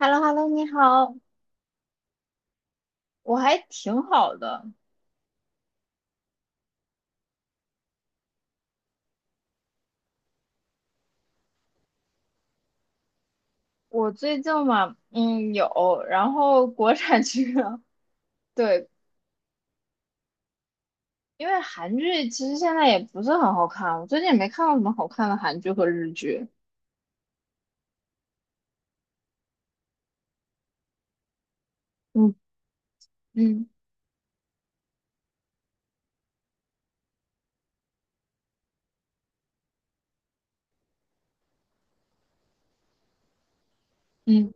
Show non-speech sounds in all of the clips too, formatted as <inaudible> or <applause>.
h e l l o h e l l o 你好，我还挺好的。我最近嘛，嗯，有，然后国产剧啊 <laughs> 对。因为韩剧其实现在也不是很好看，我最近也没看到什么好看的韩剧和日剧。嗯嗯嗯，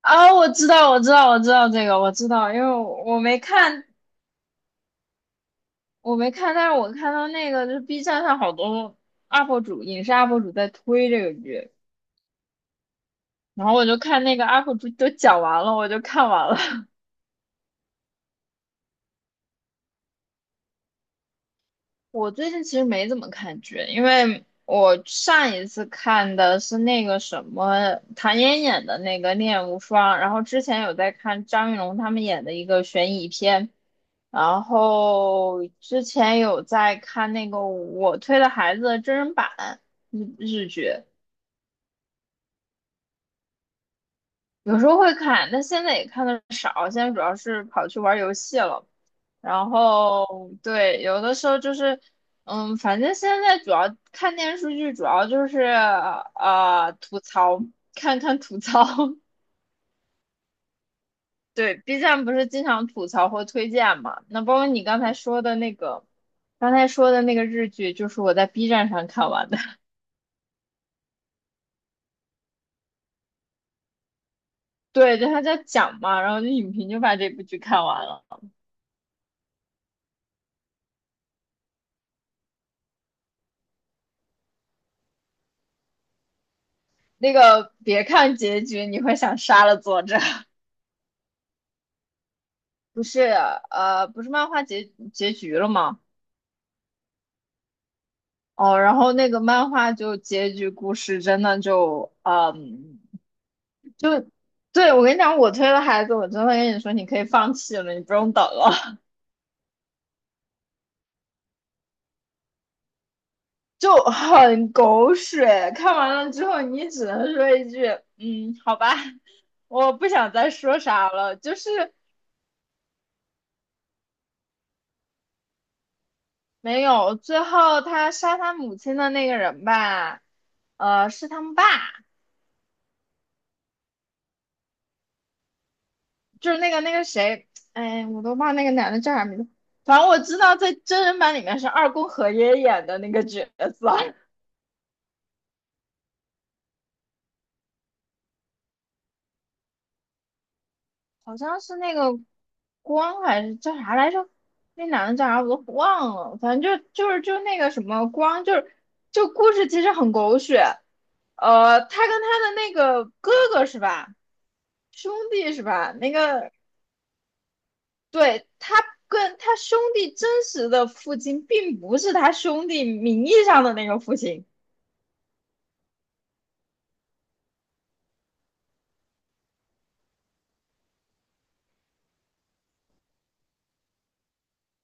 我知道，我知道，我知道这个，我知道，因为我没看。我没看，但是我看到那个就是 B 站上好多 UP 主，影视 UP 主在推这个剧，然后我就看那个 UP 主都讲完了，我就看完了。我最近其实没怎么看剧，因为我上一次看的是那个什么唐嫣演的那个《恋无双》，然后之前有在看张云龙他们演的一个悬疑片，然后之前有在看那个《我推的孩子》的真人版日剧，有时候会看，但现在也看的少，现在主要是跑去玩游戏了。然后对，有的时候就是，嗯，反正现在主要看电视剧，主要就是吐槽，看看吐槽。<laughs> 对，B 站不是经常吐槽或推荐嘛？那包括你刚才说的那个，刚才说的那个日剧，就是我在 B 站上看完的。<laughs> 对，就他在讲嘛，然后就影评就把这部剧看完了。那个别看结局，你会想杀了作者。不是不是漫画结局了吗？哦，然后那个漫画就结局故事真的就就对。我跟你讲，我推的孩子，我真的跟你说，你可以放弃了，你不用等了。<laughs> 就很狗血。看完了之后，你只能说一句，嗯，好吧，我不想再说啥了。就是没有，最后他杀他母亲的那个人吧，是他们爸。就是那个谁，哎，我都忘那个男的叫啥名字，反正我知道在真人版里面是二宫和也演的那个角色。好像是那个光还是叫啥来着？那男的叫啥我都忘了，反正就那个什么光。就是就故事其实很狗血，他跟他的那个哥哥是吧，兄弟是吧？那个对，他跟他兄弟真实的父亲并不是他兄弟名义上的那个父亲。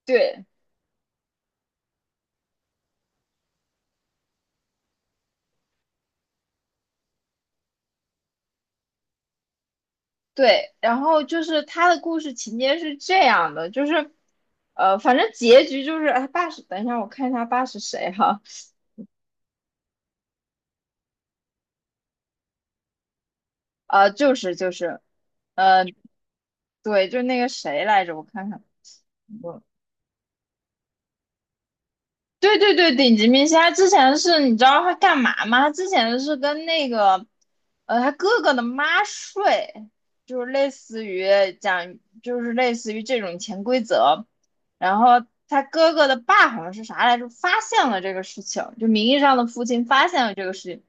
对，对。然后就是他的故事情节是这样的，就是，反正结局就是，哎，爸是，等一下我看一下爸是谁哈。呃，就是就是，呃，对，就那个谁来着，我看看。我对对对，顶级明星，他之前是你知道他干嘛吗？他之前是跟那个，他哥哥的妈睡，就是类似于讲，就是类似于这种潜规则。然后他哥哥的爸好像是啥来着，发现了这个事情，就名义上的父亲发现了这个事情，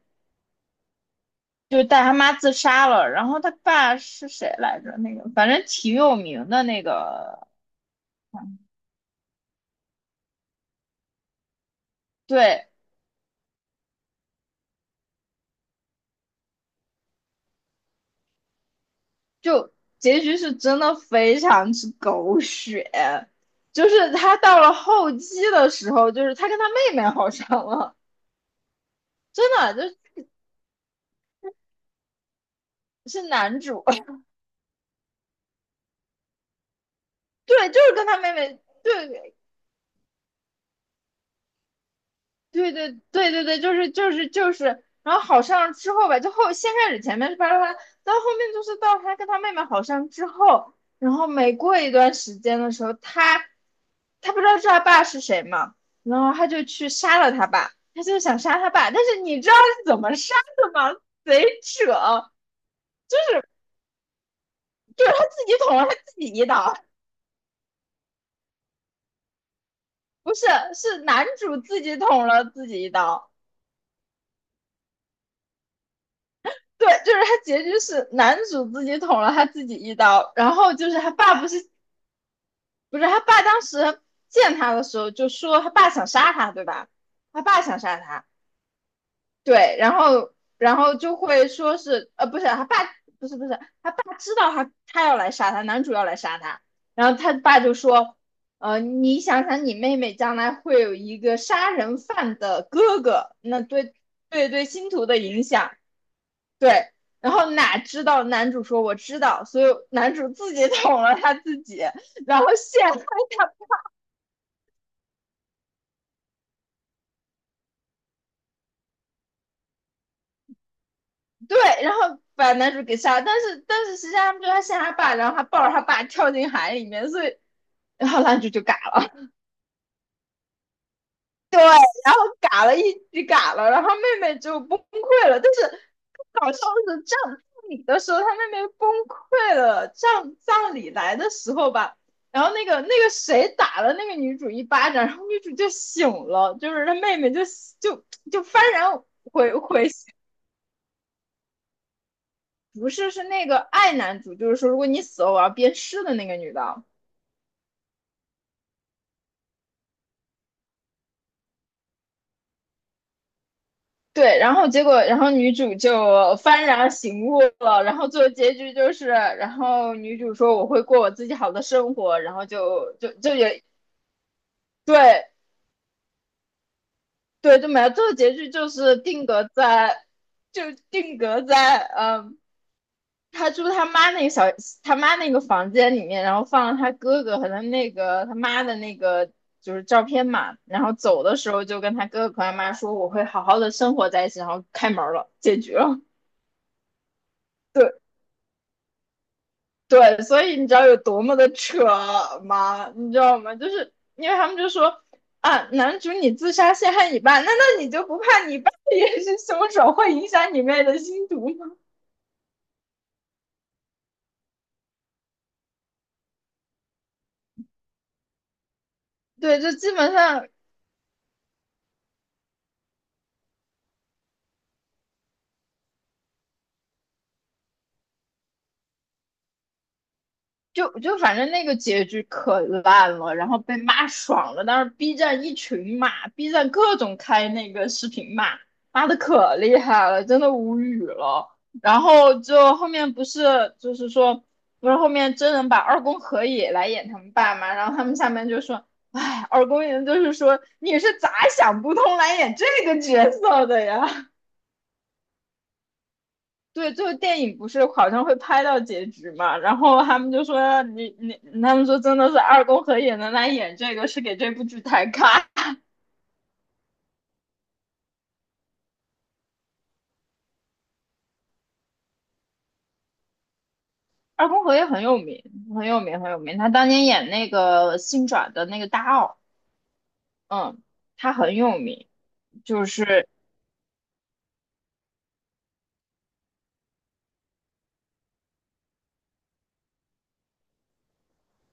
就带他妈自杀了。然后他爸是谁来着？那个反正挺有名的那个，对。就结局是真的非常之狗血，就是他到了后期的时候，就是他跟他妹妹好上了，真的就是男主。<laughs> 对，就是跟他妹妹，对，对对对对对，就是就是就是，然后好上之后吧，就后先开始前面是巴拉巴拉，到后面就是到他跟他妹妹好上之后，然后每过一段时间的时候，他不知道是他爸是谁嘛，然后他就去杀了他爸，他就想杀他爸，但是你知道是怎么杀的吗？贼扯。就是他自己捅了他自己一刀。不是，是男主自己捅了自己一刀。对，就是他结局是男主自己捅了他自己一刀，然后就是他爸不是不是他爸当时见他的时候就说他爸想杀他，对吧？他爸想杀他。对，然后然后就会说是呃不是他爸不是不是他爸知道他要来杀他，男主要来杀他，然后他爸就说你想想你妹妹将来会有一个杀人犯的哥哥，那对对对星图的影响。对，然后哪知道男主说我知道，所以男主自己 <laughs> 捅了他自己，然后陷害他。对，然后把男主给杀了。但是实际上他们就他陷害他爸，然后他抱着他爸跳进海里面，所以然后男主就嘎了。对，然后嘎了一句嘎了，然后妹妹就崩溃了。但是更搞笑的是，葬礼的时候，她妹妹崩溃了。葬礼来的时候吧，然后那个谁打了那个女主一巴掌，然后女主就醒了，就是她妹妹就就幡然悔悔醒不是，是那个爱男主，就是说如果你死了，我要鞭尸的那个女的。对，然后结果，然后女主就幡然醒悟了，然后最后结局就是，然后女主说我会过我自己好的生活，然后就也对。对就没了，最后结局就是定格在就定格在嗯，他住他妈那个小他妈那个房间里面，然后放了他哥哥和他那个他妈的那个就是照片嘛，然后走的时候就跟他哥哥和他妈说我会好好的生活在一起，然后开门了，结局了。<laughs> 对。对，所以你知道有多么的扯吗？你知道吗？就是因为他们就说啊，男主你自杀陷害你爸，难道你就不怕你爸也是凶手，会影响你妹的心毒吗？对，就基本上就反正那个结局可烂了，然后被骂爽了，但是 B 站一群骂，B 站各种开那个视频骂，骂的可厉害了，真的无语了。然后就后面不是就是说，不是后面真人把二宫和也来演他们爸嘛？然后他们下面就说，哎，二宫也就是说你是咋想不通来演这个角色的呀？对，最后电影不是好像会拍到结局嘛，然后他们就说你，他们说真的是二宫和也能来演这个，是给这部剧抬咖。二宫和也很有名，很有名，很有名。他当年演那个新转的那个大奥，嗯，他很有名，就是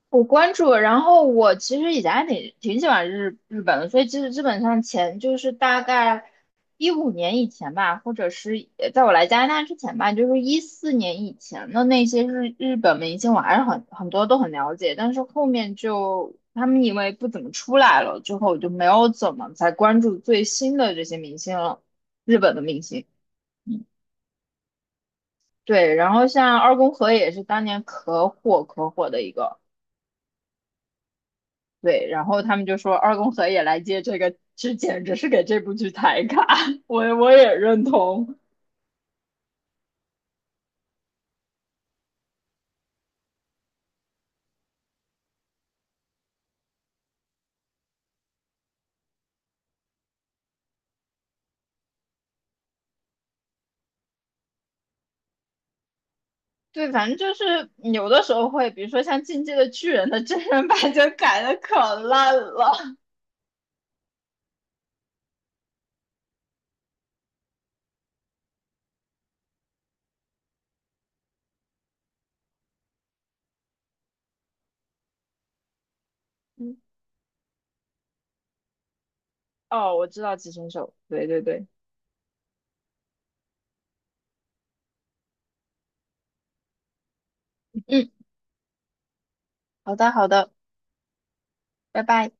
我关注了，然后我其实以前还挺喜欢日本的，所以其实基本上前就是大概15年以前吧，或者是在我来加拿大之前吧，就是14年以前的那些日本明星，我还是很多都很了解，但是后面就他们因为不怎么出来了，之后我就没有怎么再关注最新的这些明星了，日本的明星。嗯对，然后像二宫和也是当年可火可火的一个。对，然后他们就说二宫和也来接这个，这简直是给这部剧抬杠，<laughs> 我也认同。对，反正就是有的时候会，比如说像《进击的巨人》的真人版就改的可烂了。嗯。哦，我知道《寄生兽》，对对对。嗯，好的好的，拜拜。